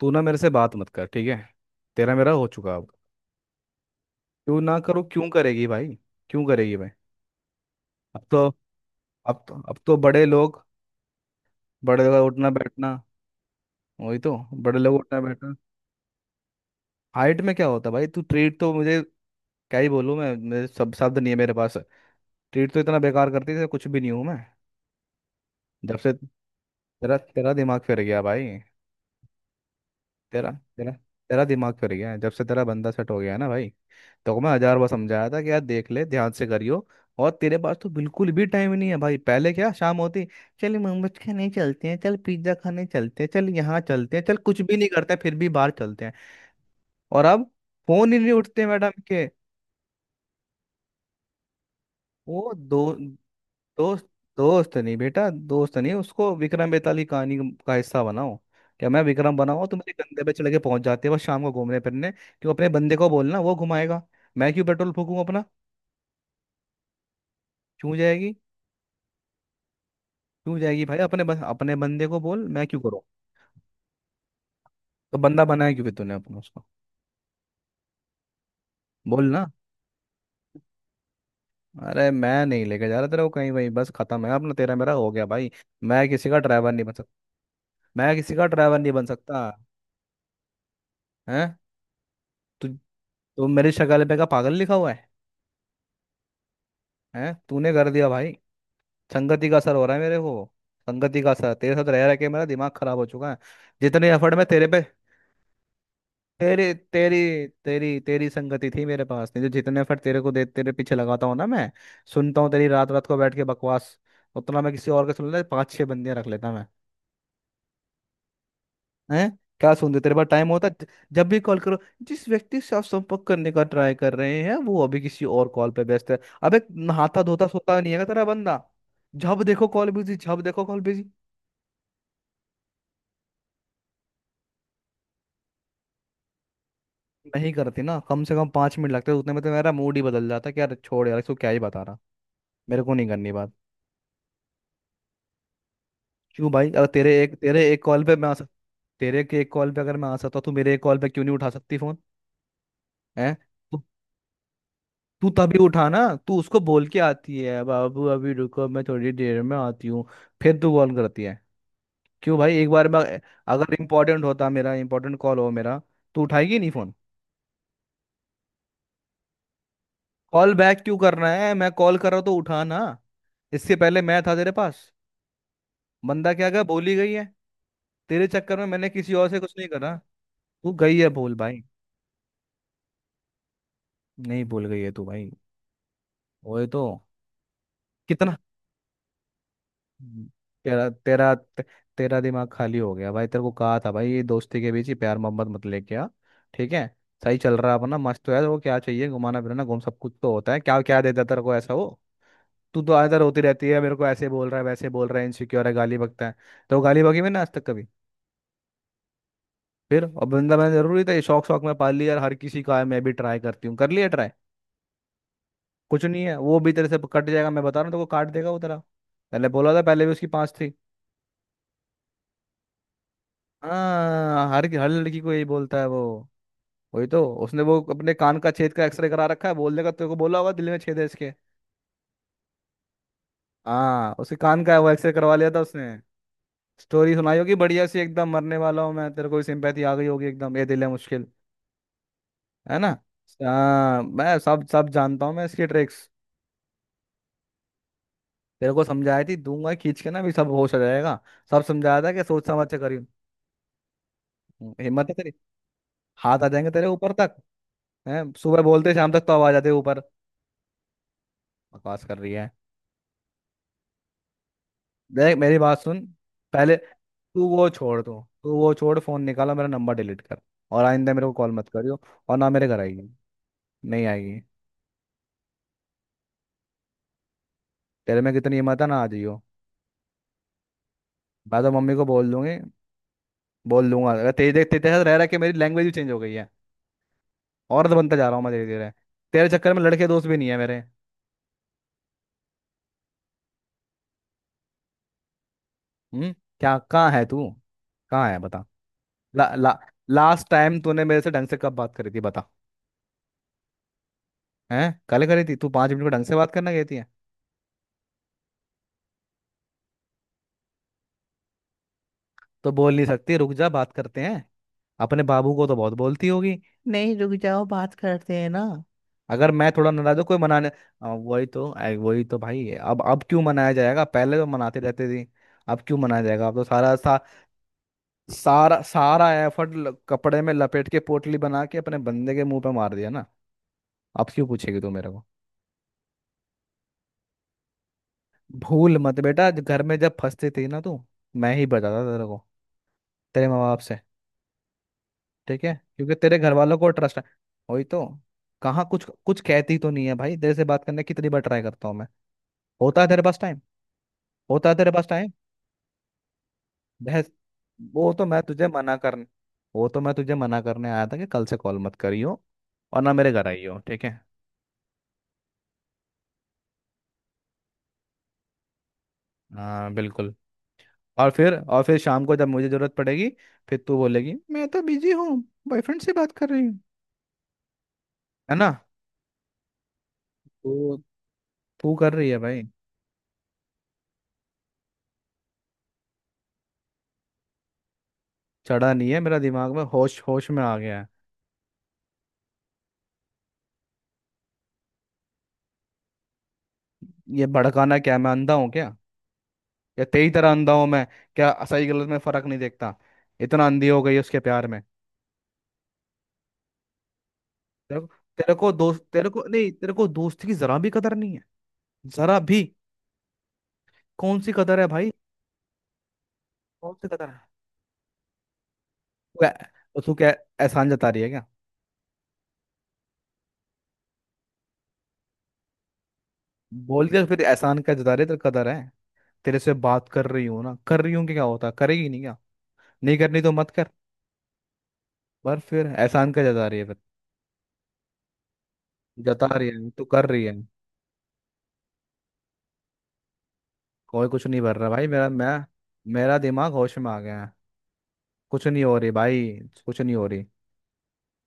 तू ना मेरे से बात मत कर, ठीक है। तेरा मेरा हो चुका अब। क्यों ना करो, क्यों करेगी भाई? क्यों करेगी भाई? अब तो अब तो बड़े लोग, बड़े लोग का उठना बैठना। वही तो, बड़े लोग उठना बैठना। हाइट में क्या होता भाई, तू ट्रीट तो मुझे क्या ही बोलूँ मैं, मेरे सब शब्द नहीं है मेरे पास। ट्रीट तो इतना बेकार करती थी, कुछ भी नहीं हूँ मैं। जब से तेरा तेरा दिमाग फिर गया भाई। तेरा तेरा तेरा दिमाग फिर गया है। जब से तेरा बंदा सेट हो गया है ना भाई, तो मैं हजार बार समझाया था कि यार देख ले, ध्यान से करियो। और तेरे पास तो बिल्कुल भी टाइम नहीं है भाई, पहले क्या शाम होती, चल मोमोज खाने चलते हैं, चल पिज्जा खाने चलते हैं, चल यहाँ चलते हैं, चल कुछ भी नहीं करते फिर भी बाहर चलते हैं। और अब फोन ही नहीं उठते मैडम के। वो दो, दोस्त, दोस्त नहीं बेटा, दोस्त नहीं, उसको विक्रम बेताल की कहानी का हिस्सा बनाओ। क्या मैं विक्रम बनाऊं? तुम मेरे कंधे पे चले के पहुंच जाते हो बस शाम को घूमने फिरने। क्यों, अपने बंदे को बोलना, वो घुमाएगा। मैं क्यों पेट्रोल फूकूं अपना? क्यों जाएगी? क्यों जाएगी भाई? अपने बस अपने बंदे को बोल, मैं क्यों करूँ? तो बंदा बनाया क्यों फिर तूने अपना उसको? बोल ना। अरे मैं नहीं लेके जा रहा तेरा को कहीं, वहीं बस खत्म है अपना, तेरा मेरा हो गया भाई। मैं किसी का ड्राइवर नहीं बन सकता। मैं किसी का ड्राइवर नहीं बन सकता। है। तू, तो मेरे शक्ल पे का पागल लिखा हुआ है? हैं, तूने कर दिया भाई। संगति का असर हो रहा है मेरे को। संगति का असर, तेरे साथ रह रह के मेरा दिमाग खराब हो चुका है। जितने एफर्ट मैं तेरे पे, तेरी तेरी तेरी तेरी संगति थी मेरे पास, नहीं तो जितने फट तेरे को दे तेरे पीछे लगाता हूँ ना मैं, सुनता हूँ तेरी रात रात को बैठ के बकवास, उतना मैं किसी और का सुन ले पांच छह बंदियां रख लेता मैं। हैं? क्या सुनते, तेरे पास टाइम होता जब भी कॉल करो, जिस व्यक्ति से आप संपर्क करने का ट्राई कर रहे हैं वो अभी किसी और कॉल पे व्यस्त है। अबे नहाता धोता सोता नहीं है क्या तेरा बंदा? जब देखो कॉल बिजी, जब देखो कॉल बिजी। नहीं करती ना, कम से कम 5 मिनट लगते, उतने में तो मेरा मूड ही बदल जाता कि यार छोड़ यार इसको, क्या ही बता रहा। मेरे को नहीं करनी बात। क्यों भाई, अगर तेरे एक कॉल पे मैं आ सक, तेरे के एक कॉल पे अगर मैं आ सकता हूँ तो मेरे एक कॉल पे क्यों नहीं उठा सकती फोन? है। तू तू तभी उठाना, तू उसको बोल के आती है बाबू अभी रुको मैं थोड़ी देर में आती हूँ, फिर तू कॉल करती है। क्यों भाई, एक बार मैं, अगर इम्पोर्टेंट होता, मेरा इम्पोर्टेंट कॉल हो मेरा, तो उठाएगी नहीं फोन? कॉल बैक क्यों करना है, मैं कॉल कर रहा हूँ तो उठाना। इससे पहले मैं था तेरे पास, बंदा क्या गया, बोली गई है। तेरे चक्कर में मैंने किसी और से कुछ नहीं करा, तू गई है भूल भाई, नहीं भूल गई है तू भाई। वही तो। कितना, तेरा तेरा ते, तेरा दिमाग खाली हो गया भाई। तेरे को कहा था भाई ये दोस्ती के बीच ही प्यार मोहब्बत मत लेके आ, ठीक है, सही चल रहा है अपना, मस्त है। वो क्या चाहिए, घुमाना फिराना, घूम सब कुछ तो होता है, क्या क्या देता तेरे को ऐसा वो? तू तो आदर होती रहती है, मेरे को ऐसे बोल रहा है वैसे बोल रहा है इनसिक्योर है गाली बकता है। तो वो गाली बकी मैंने आज तक कभी? फिर अब बंदा मैंने जरूरी था ये, शौक शौक में पाल लिया, और हर किसी का है, मैं भी ट्राई करती हूँ, कर लिया ट्राई। कुछ नहीं है, वो भी तेरे से कट जाएगा, मैं बता रहा हूँ तेरे को, काट देगा वो तेरा। पहले बोला था, पहले भी उसकी पांच थी। हाँ, हर हर लड़की को यही बोलता है वो। वही तो, उसने वो अपने कान का छेद का एक्सरे करा रखा है, बोलने का तेरे को बोला होगा दिल में छेद है इसके। हाँ, उसके कान का वो एक्सरे करवा लिया था उसने। स्टोरी सुनाई होगी बढ़िया सी एकदम, मरने वाला हूँ मैं, तेरे को भी सिंपैथी आ गई होगी एकदम, ये दिल है मुश्किल, है ना? हाँ, मैं सब सब जानता हूँ मैं इसकी ट्रिक्स। तेरे को समझाई थी, दूंगा खींच के ना भी सब होश आ जाएगा, सब समझाया था कि सोच समझ के करी। हिम्मत है तेरी? हाथ आ जाएंगे तेरे ऊपर तक। है। सुबह बोलते शाम तक तो आवाज आती है ऊपर। बकवास कर रही है। देख, मेरी बात सुन। पहले तू वो छोड़ दो तू वो छोड़, फोन निकाला, मेरा नंबर डिलीट कर, और आइंदा मेरे को कॉल मत करियो, और ना मेरे घर आएगी, नहीं आएगी। तेरे में कितनी हिम्मत है? ना आ जाइयो। मैं तो मम्मी को बोल दूंगी, बोल दूंगा। अगर तेरे, देख तेरे साथ रह रहा कि मेरी लैंग्वेज भी चेंज हो गई है, औरत बनता जा रहा हूँ मैं धीरे धीरे। तेरे चक्कर में लड़के दोस्त भी नहीं है मेरे। हम्म। क्या कहाँ है तू? कहाँ है बता। ला, ला, लास्ट टाइम तूने मेरे से ढंग से कब बात करी थी बता? हैं, कल करी थी? तू 5 मिनट को ढंग से बात करना कहती है? तो बोल नहीं सकती रुक जा बात करते हैं? अपने बाबू को तो बहुत बोलती होगी, नहीं रुक जाओ बात करते हैं ना, अगर मैं थोड़ा नाराज हूं कोई मनाने। आ, वही तो। आ, वही तो भाई है। अब क्यों मनाया जाएगा, पहले तो मनाते रहते थे। अब क्यों मनाया जाएगा? अब तो सारा सारा एफर्ट कपड़े में लपेट के पोटली बना के अपने बंदे के मुंह पे मार दिया ना। अब क्यों पूछेगी तू मेरे को? भूल मत बेटा, घर में जब फंसते थे ना तू, मैं ही बताता था तेरे को, तेरे माँ बाप से। ठीक है, क्योंकि तेरे घर वालों को ट्रस्ट है। वही तो, कहाँ कुछ कुछ कहती तो नहीं है भाई। तेरे से बात करने की कितनी बार ट्राई करता हूँ मैं, होता है तेरे पास टाइम? होता है तेरे पास टाइम? बहस। वो तो मैं तुझे मना करने वो तो मैं तुझे मना करने आया था कि कल से कॉल मत करियो और ना मेरे घर आइयो, ठीक है। हाँ, बिल्कुल। और फिर, शाम को जब मुझे जरूरत पड़ेगी फिर तू बोलेगी मैं तो बिजी हूँ, बॉयफ्रेंड से बात कर रही हूँ, है ना? तू तू कर रही है भाई। चढ़ा नहीं है मेरा दिमाग में, होश होश में आ गया है। ये भड़काना क्या, मैं अंधा हूँ क्या? या तेरी तरह अंधा हूं मैं, क्या सही गलत में फर्क नहीं देखता? इतना अंधी हो गई उसके प्यार में। तेरे को तेरे को दोस्त, तेरे को नहीं, तेरे को दोस्ती की जरा भी कदर नहीं है, जरा भी। कौन सी कदर है भाई? कौन सी कदर है? तू क्या एहसान जता रही है क्या? बोल के फिर एहसान क्या जता रही है, तेरे कदर है तेरे से बात कर रही हूँ ना, कर रही हूँ कि क्या होता है, करेगी नहीं क्या? नहीं करनी तो मत कर। पर फिर एहसान क्या जता रही है फिर? जता रही है तू, कर रही है। कोई कुछ नहीं भर रहा भाई, मेरा, मैं, मेरा दिमाग होश में आ गया है। कुछ नहीं हो रही भाई, कुछ नहीं हो रही।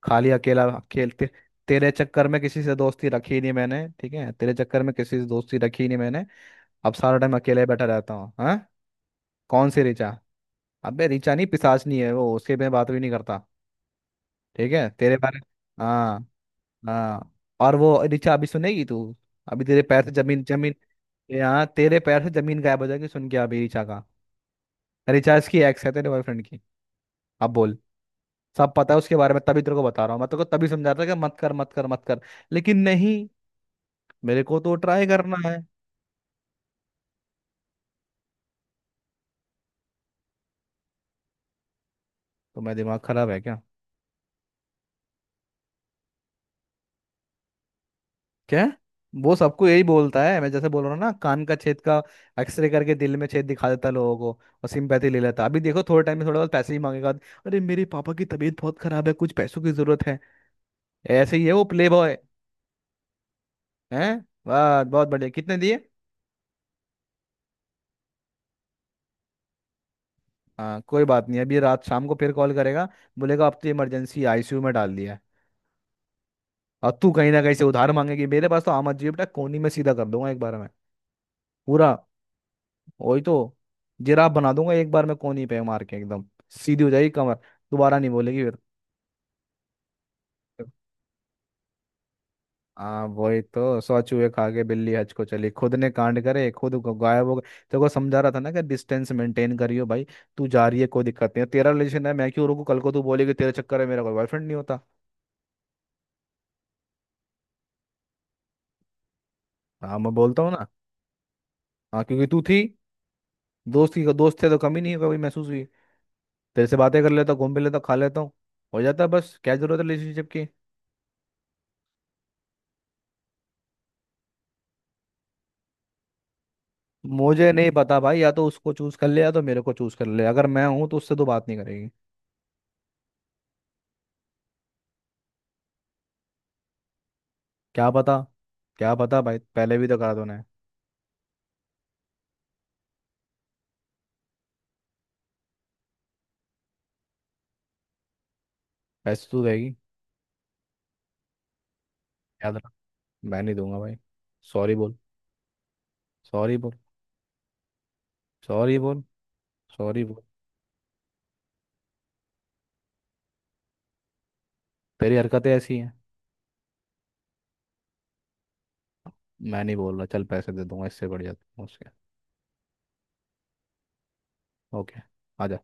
खाली अकेला खेलते, तेरे चक्कर में किसी से दोस्ती रखी ही नहीं मैंने, ठीक है, तेरे चक्कर में किसी से दोस्ती रखी ही नहीं मैंने। अब सारा टाइम अकेले बैठा रहता हूँ हाँ। कौन सी ऋचा? अबे ऋचा नहीं, पिशाचनी है वो, उसके मैं बात भी नहीं करता। ठीक है तेरे बारे। हाँ। हाँ। और वो ऋचा अभी सुनेगी तू। अभी तेरे पैर से जमीन जमीन, यहाँ तेरे पैर से जमीन गायब हो जाएगी, सुन के अभी ऋचा का। ऋचा इसकी एक्स है, तेरे बॉयफ्रेंड की। अब बोल। सब पता है उसके बारे में, तभी तेरे को बता रहा हूँ मैं, तेरे को तभी समझा रहा था कि मत कर, मत कर, मत कर, लेकिन नहीं, मेरे को तो ट्राई करना है। तो मैं दिमाग खराब है क्या? क्या? वो सबको यही बोलता है, मैं जैसे बोल रहा हूँ ना, कान का छेद का एक्सरे करके दिल में छेद दिखा देता है लोगों को, और सिंपैथी ले लेता है। अभी देखो थोड़े टाइम में थोड़ा बहुत पैसे ही मांगेगा, अरे मेरे पापा की तबीयत बहुत खराब है, कुछ पैसों की जरूरत है। ऐसे ही है वो प्ले बॉय। है। वाह, बहुत बढ़िया, कितने दिए? हाँ कोई बात नहीं, अभी रात शाम को फिर कॉल करेगा, बोलेगा अब तो इमरजेंसी आईसीयू में डाल दिया है। और तू कहीं ना कहीं से उधार मांगेगी। मेरे पास तो आम आदमी, बेटा कोनी में सीधा कर दूंगा एक बार में, पूरा। वही तो। जिराफ बना दूंगा एक बार में, कोनी पे मार के एकदम सीधी हो जाएगी कमर, दोबारा नहीं बोलेगी फिर। हाँ, वही तो, सौ चूहे खा के बिल्ली हज को चली, खुद ने कांड करे खुद गायब हो गए। तेरे को समझा रहा था ना कि डिस्टेंस मेंटेन करियो भाई, तू जा रही है कोई दिक्कत नहीं है, तेरा रिलेशन है, मैं क्यों रोकू, कल को तू बोलेगी तेरे चक्कर में मेरा कोई बॉयफ्रेंड नहीं होता। हाँ मैं बोलता हूँ ना, हाँ क्योंकि तू थी, दोस्त की दोस्त थे तो कमी नहीं कभी महसूस हुई, तेरे से बातें कर लेता हूँ, घूम भी लेता हूँ, खा लेता हूँ, हो जाता है बस। क्या जरूरत है रिलेशनशिप की? मुझे नहीं पता भाई, या तो उसको चूज कर ले या तो मेरे को चूज कर ले, अगर मैं हूं तो उससे तो बात नहीं करेगी। क्या पता। क्या पता भाई, पहले भी तो करा दो ना। पैसे तू देगी, याद रख, मैं नहीं दूंगा भाई। सॉरी बोल, सॉरी बोल, सॉरी बोल, सॉरी बोल। तेरी हरकतें ऐसी हैं। मैं नहीं बोल रहा, चल पैसे दे दूंगा, इससे बढ़िया तो उसके। ओके, आ जा।